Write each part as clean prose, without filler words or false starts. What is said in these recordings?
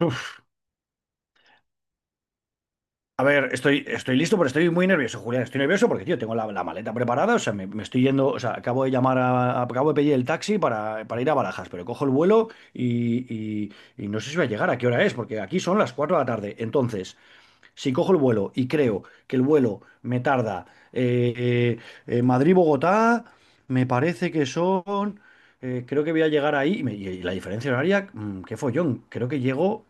Uf, a ver, estoy listo, pero estoy muy nervioso, Julián. Estoy nervioso porque, tío, tengo la maleta preparada. O sea, me estoy yendo. O sea, acabo de pedir el taxi para ir a Barajas, pero cojo el vuelo y, y- y no sé si voy a llegar, a qué hora es, porque aquí son las 4 de la tarde. Entonces, si cojo el vuelo y creo que el vuelo me tarda, eh, Madrid-Bogotá, me parece que son, creo que voy a llegar ahí, y la diferencia horaria, qué follón, creo que llego,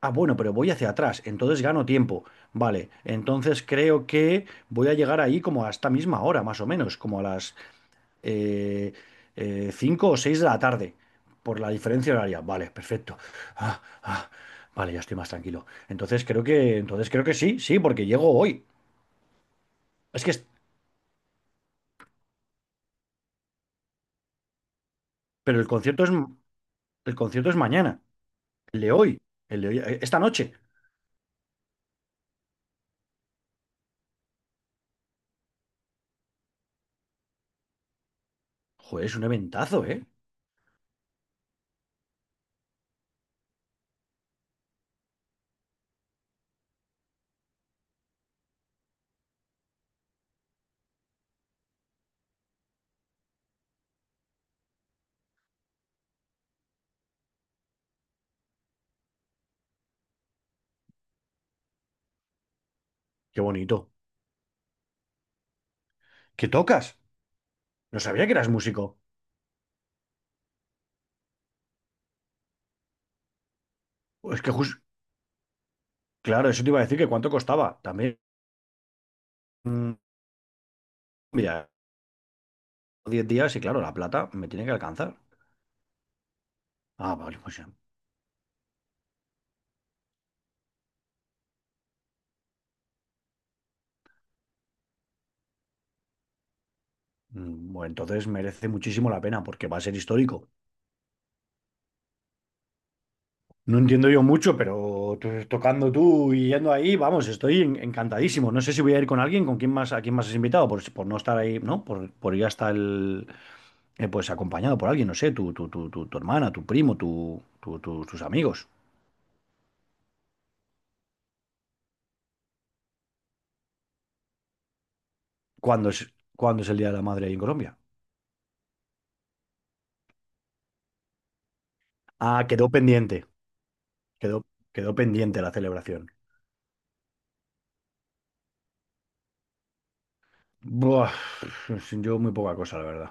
ah, bueno, pero voy hacia atrás, entonces gano tiempo, vale, entonces creo que voy a llegar ahí como a esta misma hora, más o menos, como a las eh, 5 o 6 de la tarde, por la diferencia horaria. Vale, perfecto. Ah, ah, vale, ya estoy más tranquilo. Entonces creo que sí, sí, porque llego hoy. Es que, es- pero el concierto es mañana, el de hoy, el de hoy, esta noche. Joder, es un eventazo, ¿eh? Qué bonito. ¿Qué tocas? No sabía que eras músico. Es que justo, claro, eso te iba a decir que cuánto costaba. También, mm, mira, 10 días y claro, la plata me tiene que alcanzar. Ah, vale, pues ya. Bueno, entonces merece muchísimo la pena porque va a ser histórico. No entiendo yo mucho, pero tocando tú y yendo ahí, vamos, estoy encantadísimo. No sé si voy a ir con alguien, con quién más, a quién más has invitado, por no estar ahí, ¿no? Por ir hasta el, pues acompañado por alguien, no sé, tu hermana, tu primo, tus amigos. ¿Cuándo es el Día de la Madre ahí en Colombia? Ah, quedó, quedó pendiente la celebración. Buah, yo muy poca cosa, la verdad.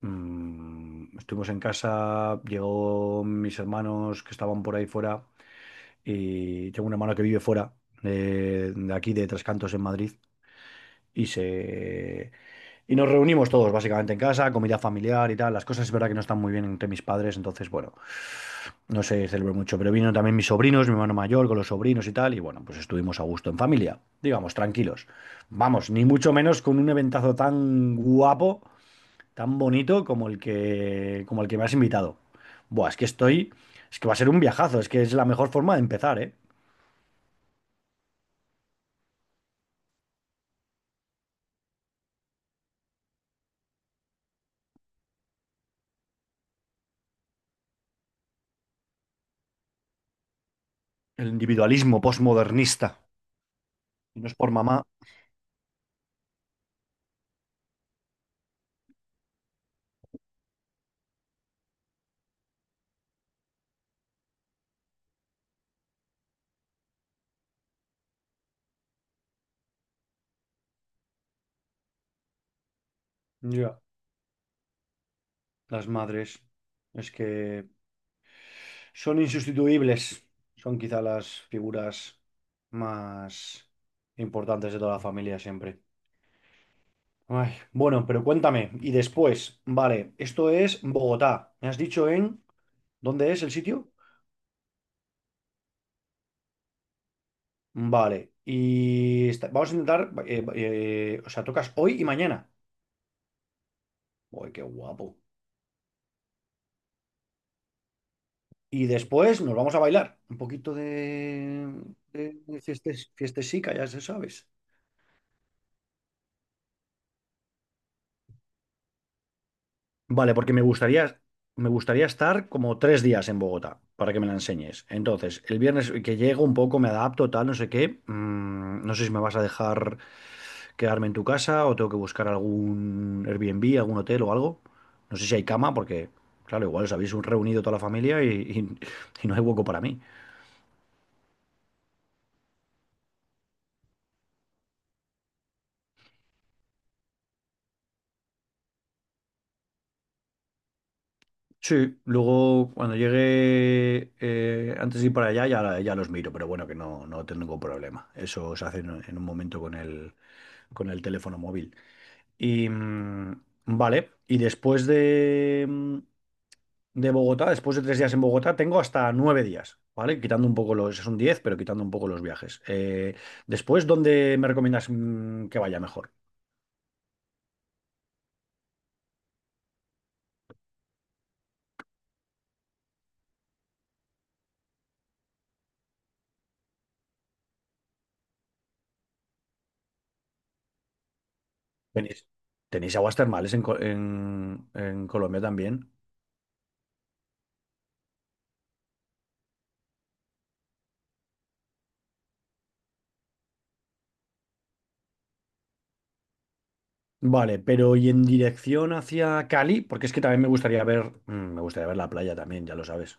Estuvimos en casa, llegó mis hermanos que estaban por ahí fuera. Y tengo un hermano que vive fuera de aquí, de Tres Cantos, en Madrid. Y se y nos reunimos todos básicamente en casa, comida familiar y tal. Las cosas es verdad que no están muy bien entre mis padres, entonces bueno, no se celebró mucho. Pero vino también mis sobrinos, mi hermano mayor con los sobrinos y tal. Y bueno, pues estuvimos a gusto en familia, digamos, tranquilos. Vamos, ni mucho menos con un eventazo tan guapo, tan bonito como el que me has invitado. Buah, es que va a ser un viajazo, es que es la mejor forma de empezar, ¿eh? El individualismo posmodernista. Y no es por mamá. Ya, las madres. Es que son insustituibles. Son quizá las figuras más importantes de toda la familia siempre. Ay, bueno, pero cuéntame. Y después, vale, esto es Bogotá. ¿Me has dicho en dónde es el sitio? Vale. Y vamos a intentar, o sea, tocas hoy y mañana. Uy, qué guapo. Y después nos vamos a bailar. Un poquito de fiestesica, ya se sabes. Vale, porque me gustaría estar como 3 días en Bogotá para que me la enseñes. Entonces, el viernes que llego un poco, me adapto, tal, no sé qué. No sé si me vas a dejar quedarme en tu casa o tengo que buscar algún Airbnb, algún hotel o algo. No sé si hay cama, porque, claro, igual os habéis reunido toda la familia y no hay hueco para mí. Sí, luego cuando llegue, antes de ir para allá, ya, ya los miro, pero bueno, que no, no tengo ningún problema. Eso se hace en un momento con el teléfono móvil. Y vale, y después de Bogotá, después de 3 días en Bogotá, tengo hasta 9 días, ¿vale? Quitando un poco los, son 10, pero quitando un poco los viajes. Después, ¿dónde me recomiendas, que vaya mejor? ¿Tenéis, tenéis aguas termales en, en Colombia también? Vale, pero ¿y en dirección hacia Cali? Porque es que también me gustaría ver la playa también, ya lo sabes.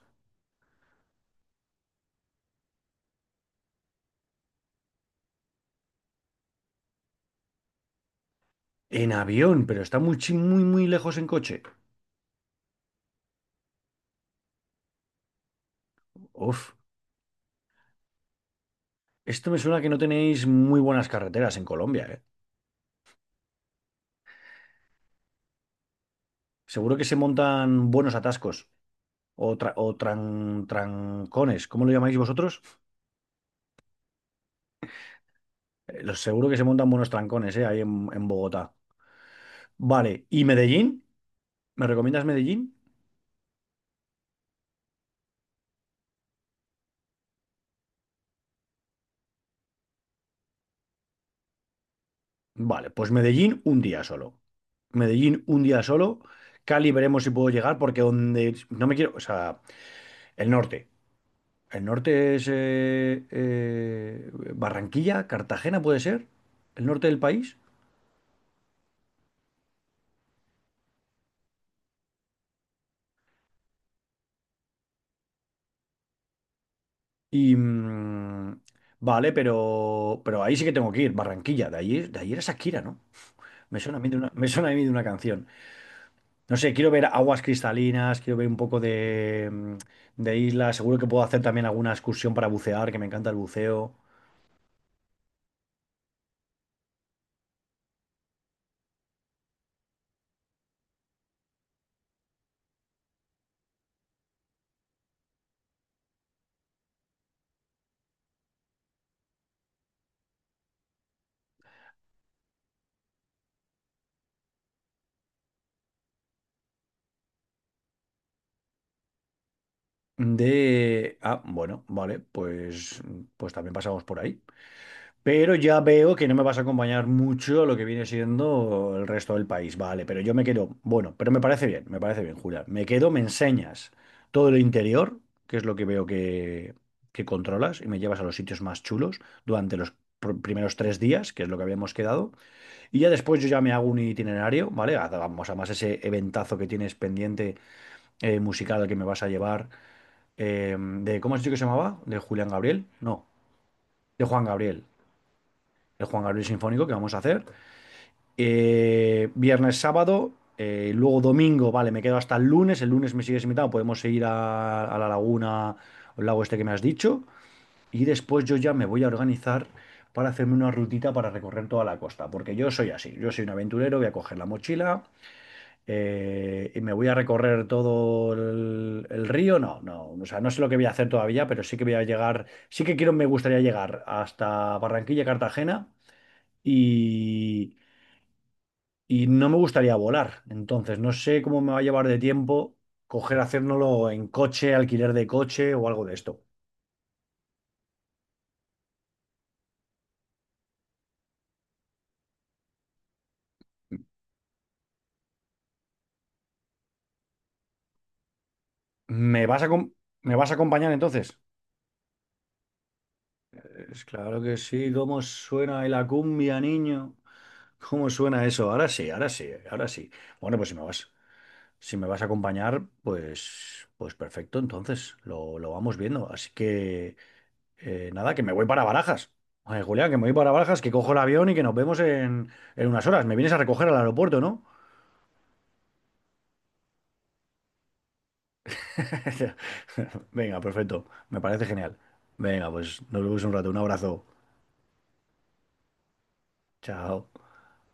En avión, pero está muy lejos en coche. Uf, esto me suena que no tenéis muy buenas carreteras en Colombia, ¿eh? Seguro que se montan buenos atascos o trancones, ¿cómo lo llamáis vosotros? Seguro que se montan buenos trancones, ¿eh? Ahí en Bogotá. Vale, ¿y Medellín? ¿Me recomiendas Medellín? Vale, pues Medellín un día solo. Medellín un día solo. Cali veremos si puedo llegar porque donde no me quiero, o sea, el norte. El norte es Barranquilla, Cartagena puede ser, el norte del país. Y vale, pero ahí sí que tengo que ir, Barranquilla, de ahí era Shakira, ¿no? Me suena a mí de una, me suena a mí de una canción. No sé, quiero ver aguas cristalinas, quiero ver un poco de islas, seguro que puedo hacer también alguna excursión para bucear, que me encanta el buceo. De... Ah, bueno, vale, pues también pasamos por ahí. Pero ya veo que no me vas a acompañar mucho a lo que viene siendo el resto del país. Vale, pero yo me quedo... Bueno, pero me parece bien, Julia. Me quedo, me enseñas todo lo interior, que es lo que veo que controlas, y me llevas a los sitios más chulos durante los primeros 3 días, que es lo que habíamos quedado. Y ya después yo ya me hago un itinerario, ¿vale? Vamos, además ese eventazo que tienes pendiente, musical al que me vas a llevar, de, ¿cómo has dicho que se llamaba? ¿De Julián Gabriel? No, de Juan Gabriel. El Juan Gabriel Sinfónico que vamos a hacer. Viernes, sábado, luego domingo, vale, me quedo hasta el lunes. El lunes me sigues invitado, podemos ir a la laguna, al lago este que me has dicho. Y después yo ya me voy a organizar para hacerme una rutita para recorrer toda la costa, porque yo soy así, yo soy un aventurero, voy a coger la mochila, y me voy a recorrer todo el río. No, no, o sea, no sé lo que voy a hacer todavía, pero sí que voy a llegar, sí que quiero, me gustaría llegar hasta Barranquilla, Cartagena y, y no me gustaría volar. Entonces, no sé cómo me va a llevar de tiempo coger, hacérnoslo en coche, alquiler de coche o algo de esto. ¿Me vas a, acom- me vas a acompañar entonces? Es claro que sí, ¿cómo suena ahí la cumbia, niño? ¿Cómo suena eso? Ahora sí, ahora sí, ahora sí. Bueno, pues si me vas. Si me vas a acompañar, pues, perfecto, entonces lo vamos viendo. Así que, nada, que me voy para Barajas. Oye, Julián, que me voy para Barajas, que cojo el avión y que nos vemos en, unas horas. Me vienes a recoger al aeropuerto, ¿no? Venga, perfecto. Me parece genial. Venga, pues nos vemos un rato. Un abrazo. Chao.